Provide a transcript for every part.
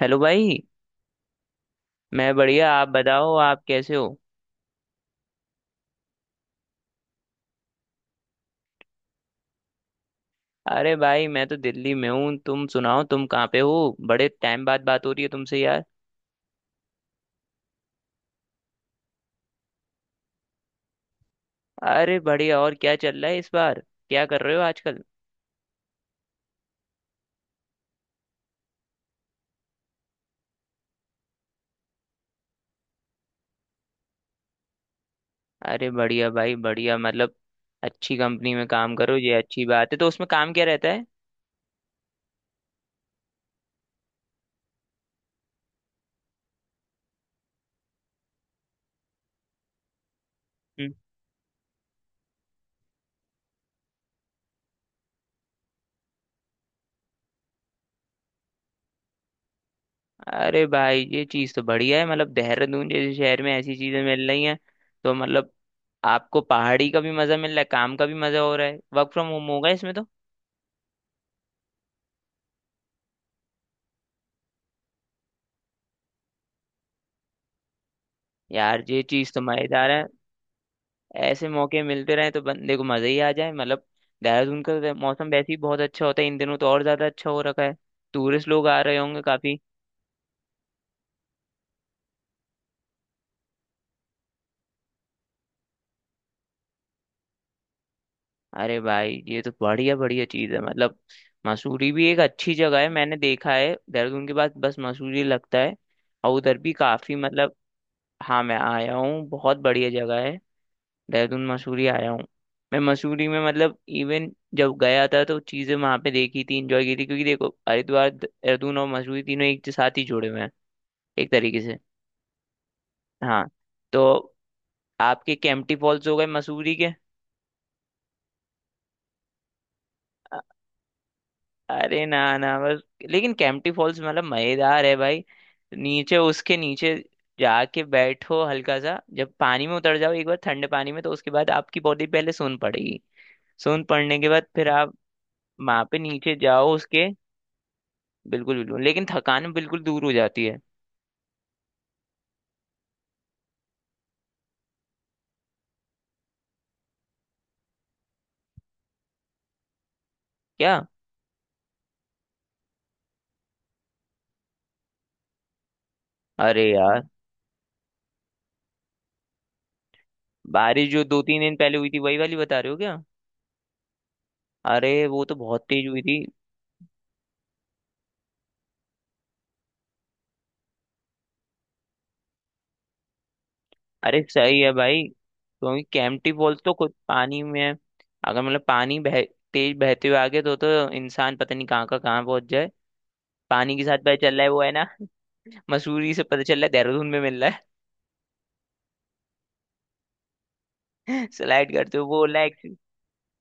Hello भाई। मैं बढ़िया, आप बताओ आप कैसे हो? अरे भाई मैं तो दिल्ली में हूँ, तुम सुनाओ तुम कहाँ पे हो? बड़े टाइम बाद बात हो रही है तुमसे यार। अरे बढ़िया, और क्या चल रहा है इस बार? क्या कर रहे हो आजकल? अरे बढ़िया भाई बढ़िया, मतलब अच्छी कंपनी में काम करो ये अच्छी बात है, तो उसमें काम क्या रहता है? हम्म। अरे भाई ये चीज़ तो बढ़िया है, मतलब देहरादून जैसे शहर में ऐसी चीज़ें मिल रही हैं। तो मतलब आपको पहाड़ी का भी मज़ा मिल रहा है, काम का भी मज़ा हो रहा है, वर्क फ्रॉम होम होगा इसमें तो। यार ये चीज तो मजेदार है। ऐसे मौके मिलते रहे तो बंदे को मजे ही आ जाए मतलब। देहरादून का मौसम वैसे ही बहुत अच्छा होता है, इन दिनों तो और ज्यादा अच्छा हो रखा है। टूरिस्ट लोग आ रहे होंगे काफी। अरे भाई ये तो बढ़िया बढ़िया चीज है, मतलब मसूरी भी एक अच्छी जगह है, मैंने देखा है देहरादून के बाद बस मसूरी लगता है। और उधर भी काफी मतलब। हाँ मैं आया हूँ, बहुत बढ़िया जगह है। देहरादून मसूरी आया हूँ। मैं मसूरी में मतलब इवन जब गया था तो चीज़ें वहाँ पे देखी थी, इंजॉय की थी, क्योंकि देखो हरिद्वार देहरादून और मसूरी तीनों एक के साथ ही जुड़े हुए हैं एक तरीके से। हाँ। तो आपके केम्प्टी फॉल्स हो गए मसूरी के? अ- अरे ना ना बस, लेकिन केम्प्टी फॉल्स मतलब मज़ेदार है भाई। नीचे उसके नीचे जाके बैठो, हल्का सा जब पानी में उतर जाओ एक बार ठंडे पानी में, तो उसके बाद आपकी बॉडी पहले सोन पड़ेगी। सोन पड़ने के बाद फिर आप वहां पे नीचे जाओ उसके। बिल्कुल बिल्कुल, लेकिन थकान बिल्कुल दूर हो जाती है। क्या? अरे यार, बारिश जो दो तीन दिन पहले हुई थी वही वाली बता रहे हो क्या? अरे वो तो बहुत तेज हुई थी। अरे सही है भाई, क्योंकि कैंपटी फॉल्स तो खुद पानी में है। अगर मतलब पानी बह, तेज बहते हुए आगे तो इंसान पता नहीं कहाँ का कहाँ पहुंच जाए। पानी के साथ पता चल रहा है वो है ना। मसूरी से पता चल रहा है देहरादून में मिल रहा है। स्लाइड करते हुए वो लाइक।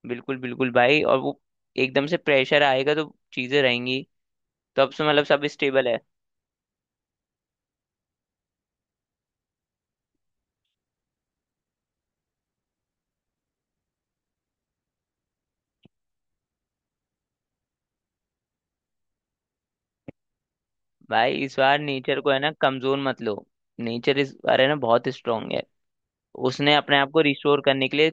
बिल्कुल बिल्कुल भाई, और वो एकदम से प्रेशर आएगा तो चीजें रहेंगी। तो अब से मतलब सब स्टेबल है। भाई इस बार नेचर को है ना कमजोर मत लो। नेचर इस बार है ना बहुत स्ट्रांग है। उसने अपने आप को रिस्टोर करने के लिए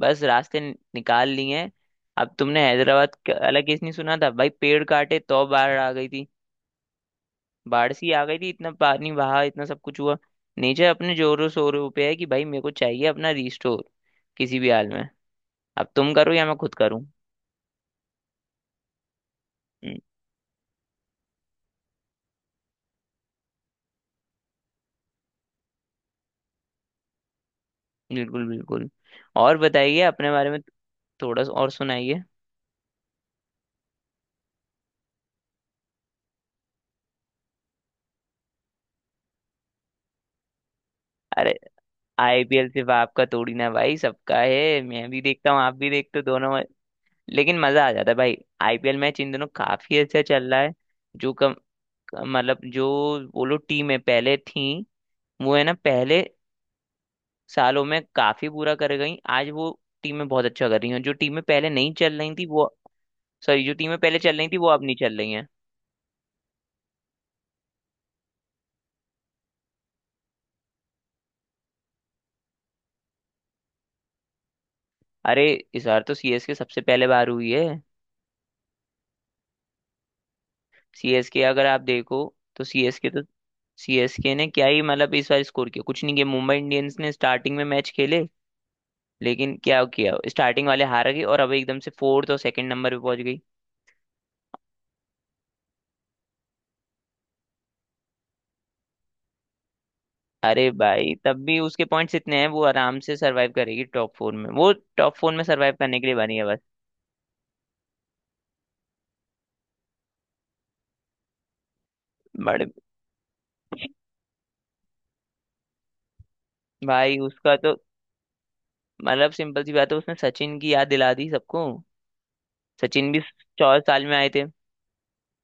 बस रास्ते निकाल लिए हैं। अब तुमने हैदराबाद का अलग केस नहीं सुना था भाई? पेड़ काटे तो बाढ़ आ गई थी। बाढ़ सी आ गई थी, इतना पानी बहा, इतना सब कुछ हुआ। नेचर अपने जोरों शोरों पे है कि भाई मेरे को चाहिए अपना रिस्टोर, किसी भी हाल में। अब तुम करो या मैं खुद करूँ। हम्म। बिल्कुल बिल्कुल। और बताइए अपने बारे में। थोड़ा सा और सुनाइए। अरे आईपीएल सिर्फ आपका थोड़ी ना भाई, सबका है। मैं भी देखता हूँ, आप भी देखते हो दोनों में। लेकिन मजा आ जाता है भाई। आईपीएल मैच इन दोनों काफी अच्छा चल रहा है। जो कम, मतलब जो वो लोग टीमें पहले थी, वो है ना पहले सालों में काफी बुरा कर गई, आज वो टीमें बहुत अच्छा कर रही हैं। जो टीमें पहले नहीं चल रही थी वो, सॉरी, जो टीमें पहले चल रही थी वो अब नहीं चल रही हैं। अरे इस बार तो सीएसके सबसे पहले बाहर हुई है। सीएसके अगर आप देखो तो, सीएसके तो, सीएसके ने क्या ही मतलब इस बार स्कोर किया, कुछ नहीं किया। मुंबई इंडियंस ने स्टार्टिंग में मैच खेले, लेकिन क्या किया, स्टार्टिंग वाले हार गए और अब एकदम से फोर्थ और सेकंड नंबर पे पहुंच गई। अरे भाई तब भी उसके पॉइंट्स इतने हैं, वो आराम से सरवाइव करेगी टॉप फोर में वो। टॉप फोर में सरवाइव करने के लिए बनी है बस। बड़े भाई उसका तो मतलब, सिंपल सी बात है, उसने सचिन की याद दिला दी सबको। सचिन भी 14 साल में आए थे,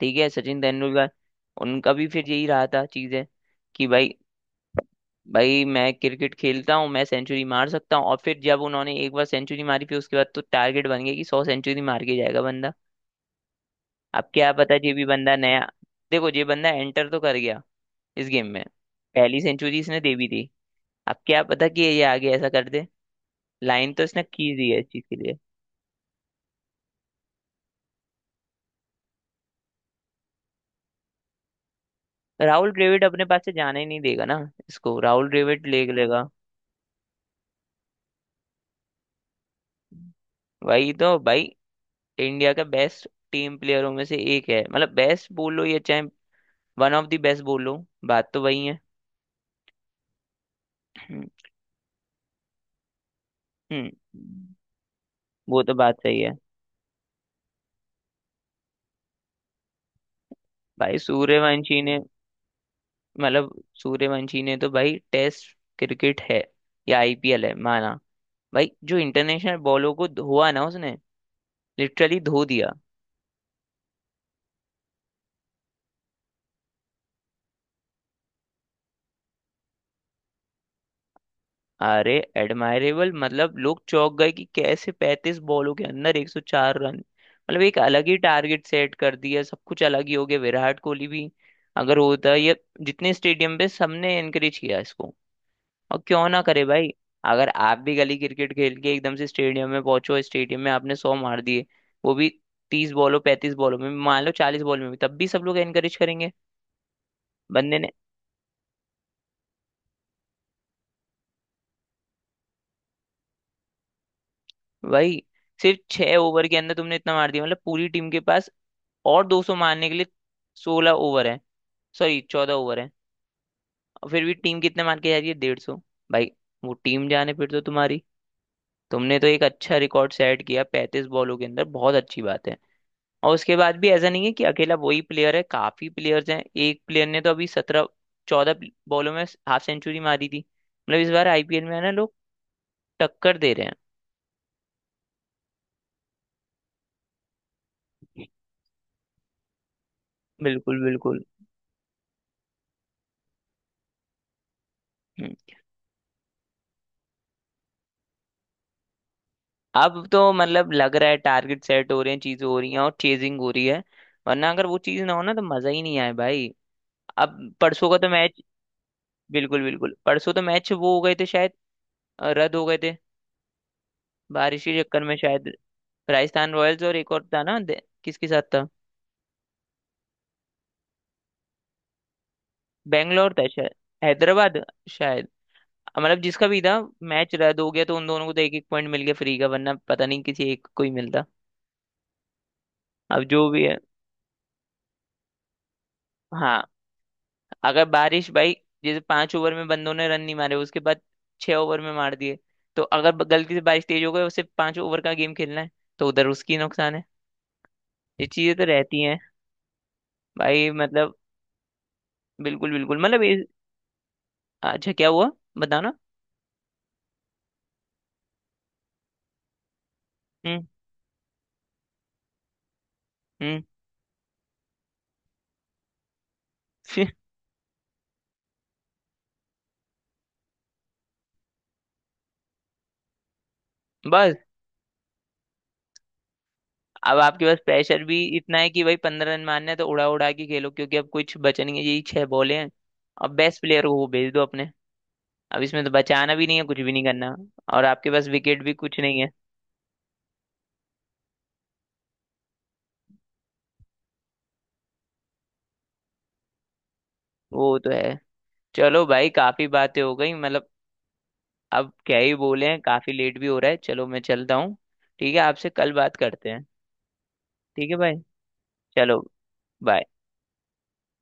ठीक है, सचिन तेंदुलकर। उनका भी फिर यही रहा था चीजें कि भाई, भाई मैं क्रिकेट खेलता हूँ मैं सेंचुरी मार सकता हूँ, और फिर जब उन्होंने एक बार सेंचुरी मारी फिर उसके बाद तो टारगेट बन गया कि 100 सेंचुरी मार के जाएगा बंदा। अब क्या पता ये भी बंदा नया, देखो ये बंदा एंटर तो कर गया इस गेम में। पहली सेंचुरी इसने दे भी दी। अब क्या पता कि ये आगे ऐसा कर दे। लाइन तो इसने खींच दी है इस चीज के लिए। राहुल द्रविड़ अपने पास से जाने ही नहीं देगा ना। इसको राहुल द्रविड़ ले लेगा। वही तो भाई, इंडिया का बेस्ट टीम प्लेयरों में से एक है, मतलब बेस्ट बोलो या चाहे वन ऑफ द बेस्ट बोलो, बात तो वही है। हम्म, हम्म, वो तो बात सही है भाई। सूर्यवंशी ने मतलब, सूर्यवंशी ने तो भाई, टेस्ट क्रिकेट है या आईपीएल है माना, भाई जो इंटरनेशनल बॉलों को धोआ ना उसने, लिटरली धो दिया। अरे एडमायरेबल मतलब लोग चौंक गए कि कैसे 35 बॉलों के अंदर 104 रन, मतलब एक अलग ही टारगेट सेट कर दिया, सब कुछ अलग ही हो गया विराट कोहली भी। अगर होता ये, जितने स्टेडियम पे सबने एनकरेज किया इसको, और क्यों ना करे भाई। अगर आप भी गली क्रिकेट खेल के एकदम से स्टेडियम में पहुंचो, स्टेडियम में आपने 100 मार दिए, वो भी 30 बॉलों 35 बॉलों में, मान लो 40 बॉल में भी, तब भी सब लोग एनकरेज करेंगे। बंदे ने, भाई सिर्फ 6 ओवर के अंदर तुमने इतना मार दिया मतलब, पूरी टीम के पास और 200 मारने के लिए 16 ओवर है, सॉरी 14 ओवर है, और फिर भी टीम कितने मार के जा रही है 150। भाई वो टीम जाने फिर तो तुम्हारी, तुमने तो एक अच्छा रिकॉर्ड सेट किया 35 बॉलों के अंदर, बहुत अच्छी बात है। और उसके बाद भी ऐसा नहीं है कि अकेला वही प्लेयर है, काफी प्लेयर्स हैं, एक प्लेयर ने तो अभी 17, 14 बॉलों में हाफ सेंचुरी मारी थी। मतलब इस बार आईपीएल में है ना लोग टक्कर दे रहे हैं। बिल्कुल बिल्कुल। हम्म। अब तो मतलब लग रहा है टारगेट सेट हो रहे हैं, चीजें हो रही हैं, और चेजिंग हो रही है, वरना अगर वो चीज ना हो ना तो मजा ही नहीं आए भाई। अब परसों का तो मैच, बिल्कुल बिल्कुल परसों तो मैच वो हो गए थे शायद, रद्द हो गए थे बारिश के चक्कर में शायद। राजस्थान रॉयल्स और एक और था ना, किसके साथ था? बैंगलोर था शायद, हैदराबाद शायद, मतलब जिसका भी था, मैच रद्द हो गया तो उन दोनों को तो एक एक पॉइंट मिल गया फ्री का, वरना पता नहीं किसी एक को ही मिलता। अब जो भी है। हाँ, अगर बारिश भाई, जैसे 5 ओवर में बंदों ने रन नहीं मारे उसके बाद 6 ओवर में मार दिए, तो अगर गलती से बारिश तेज हो गई, उसे 5 ओवर का गेम खेलना है, तो उधर उसकी नुकसान है। ये चीजें तो रहती हैं भाई मतलब। बिल्कुल बिल्कुल, मतलब ये, अच्छा क्या हुआ, बताना। हम्म हम्म। फिर- बस अब आपके पास प्रेशर भी इतना है कि भाई 15 रन मारने हैं, तो उड़ा उड़ा के खेलो क्योंकि अब कुछ बचा नहीं है, यही 6 बॉले हैं। अब बेस्ट प्लेयर को वो भेज दो अपने, अब इसमें तो बचाना भी नहीं है, कुछ भी नहीं करना, और आपके पास विकेट भी कुछ नहीं है। वो तो है। चलो भाई काफी बातें हो गई मतलब, अब क्या ही बोले हैं, काफी लेट भी हो रहा है, चलो मैं चलता हूँ। ठीक है आपसे कल बात करते हैं। ठीक है भाई, चलो, बाय।